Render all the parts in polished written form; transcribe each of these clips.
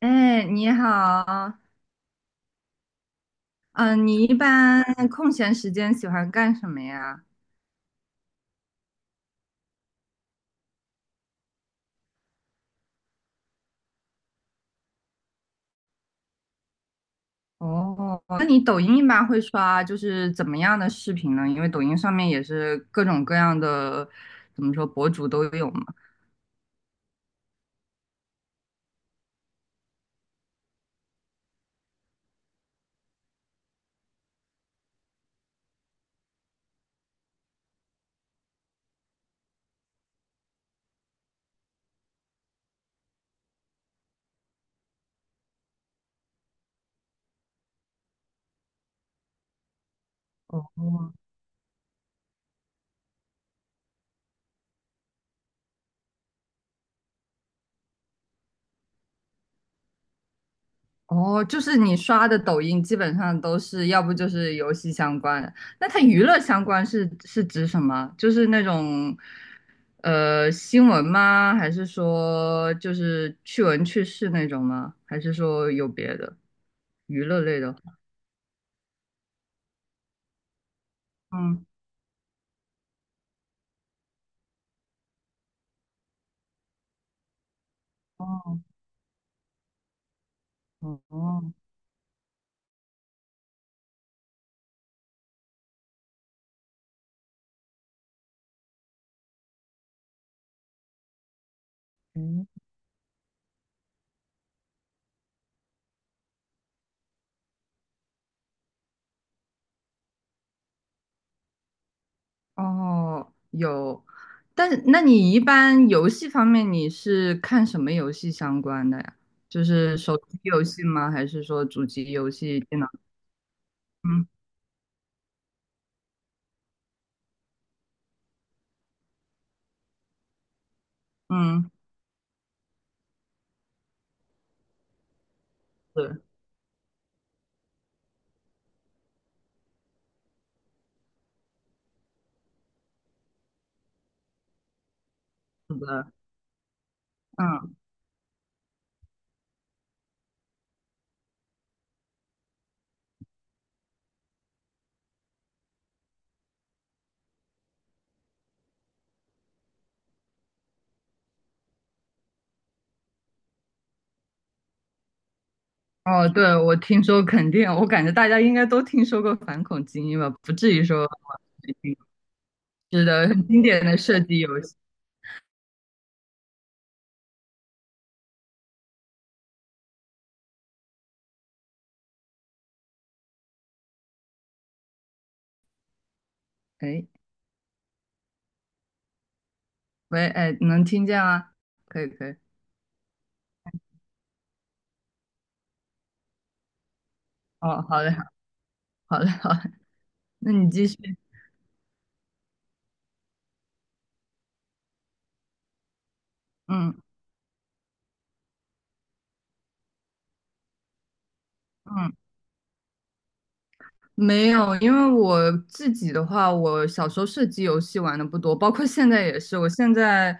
哎，你好。嗯、你一般空闲时间喜欢干什么呀？哦，那你抖音一般会刷就是怎么样的视频呢？因为抖音上面也是各种各样的，怎么说，博主都有嘛。哦。哦，就是你刷的抖音基本上都是，要不就是游戏相关的。那它娱乐相关是指什么？就是那种新闻吗？还是说就是趣闻趣事那种吗？还是说有别的娱乐类的？嗯。哦。哦。嗯。哦，有。但是那你一般游戏方面你是看什么游戏相关的呀？就是手机游戏吗？还是说主机游戏、电脑？嗯嗯，是是的，嗯。哦，对，我听说肯定，我感觉大家应该都听说过反恐精英吧，不至于说没听过。是的，很经典的射击游戏。哎，喂，哎，能听见吗？可以可以。哦，好嘞好嘞好嘞。那你继续。嗯嗯。没有，因为我自己的话，我小时候射击游戏玩的不多，包括现在也是。我现在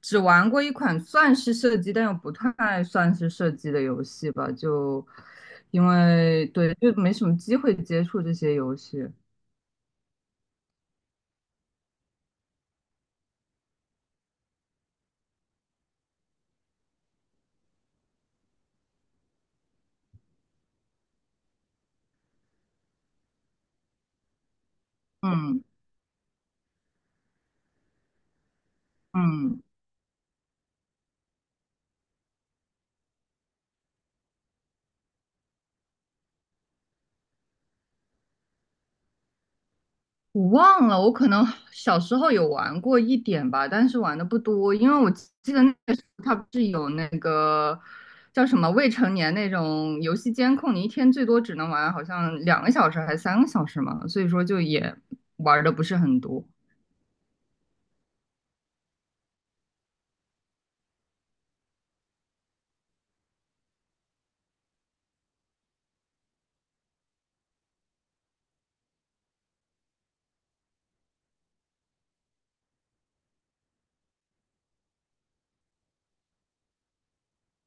只玩过一款算是射击，但又不太算是射击的游戏吧，就因为对，就没什么机会接触这些游戏。嗯嗯。我忘了，我可能小时候有玩过一点吧，但是玩的不多，因为我记得那个时候它不是有那个叫什么未成年那种游戏监控，你一天最多只能玩好像两个小时还是三个小时嘛，所以说就也玩的不是很多。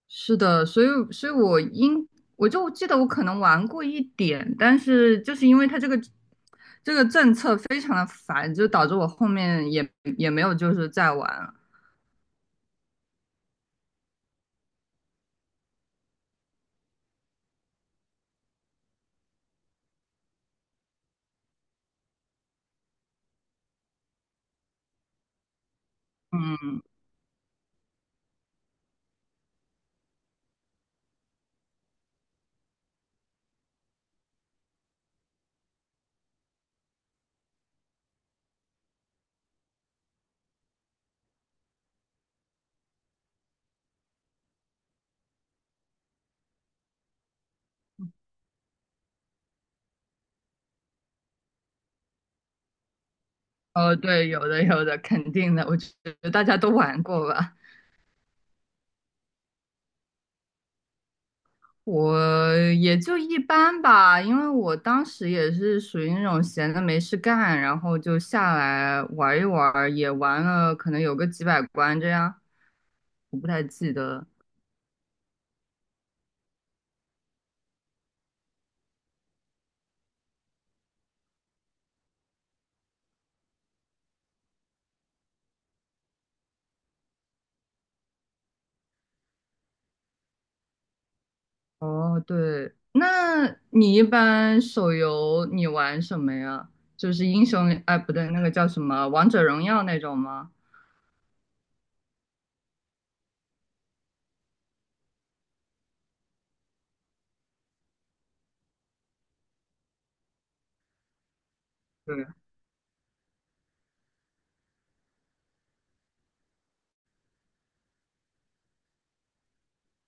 是的，所以我就记得我可能玩过一点，但是就是因为它这个这个政策非常的烦，就导致我后面也没有就是再玩。嗯。哦，对，有的有的，肯定的，我觉得大家都玩过吧。我也就一般吧，因为我当时也是属于那种闲的没事干，然后就下来玩一玩儿也玩了可能有个几百关这样，我不太记得了。哦，对，那你一般手游你玩什么呀？就是英雄联，哎，不对，那个叫什么《王者荣耀》那种吗？对。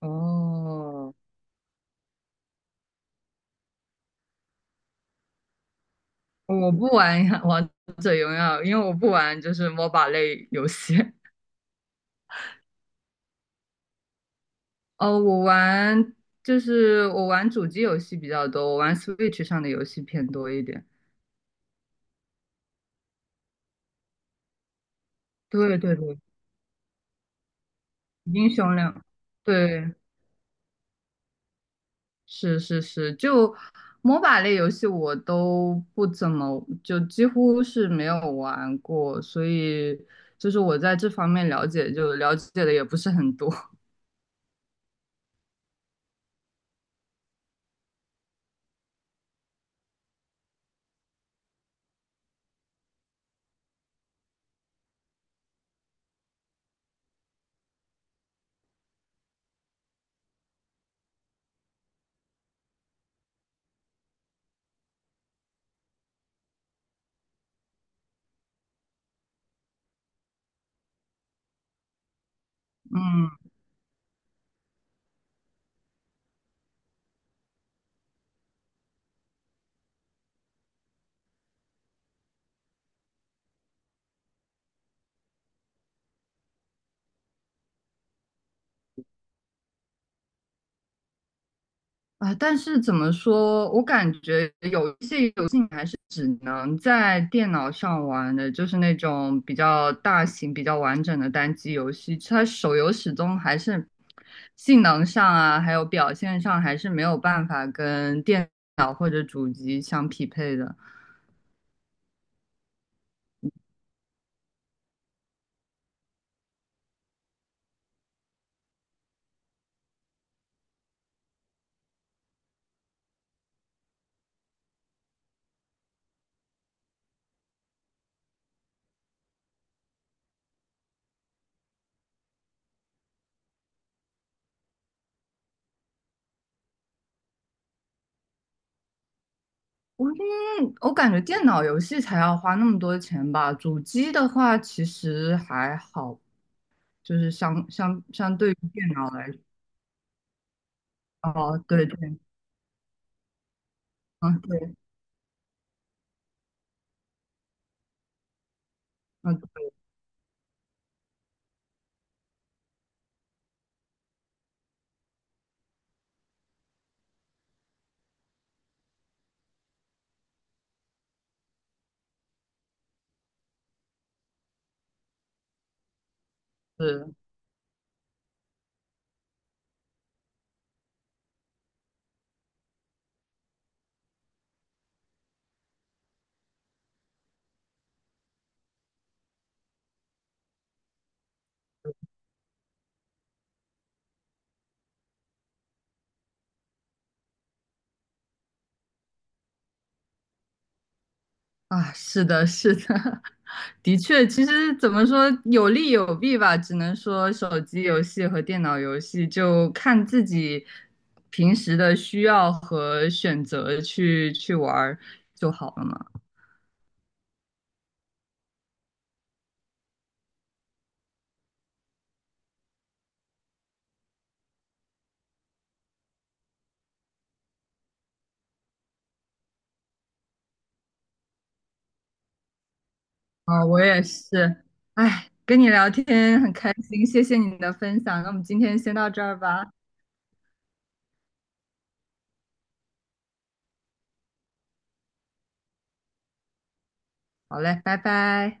哦，我不玩 王者荣耀，因为我不玩就是 MOBA 类游戏。哦，我玩就是我玩主机游戏比较多，我玩 Switch 上的游戏偏多一点。对对对，英雄联，对，是是是，就 MOBA 类游戏我都不怎么，就几乎是没有玩过，所以就是我在这方面了解就了解的也不是很多。嗯。啊，但是怎么说，我感觉有一些只能在电脑上玩的，就是那种比较大型、比较完整的单机游戏。它手游始终还是性能上啊，还有表现上，还是没有办法跟电脑或者主机相匹配的。我感觉电脑游戏才要花那么多钱吧，主机的话其实还好，就是相对于电脑来说。哦，对对。嗯对。嗯对。是啊，是的，是的，的确，其实怎么说有利有弊吧，只能说手机游戏和电脑游戏就看自己平时的需要和选择去玩儿就好了嘛。啊，我也是。哎，跟你聊天很开心，谢谢你的分享，那我们今天先到这儿吧。好嘞，拜拜。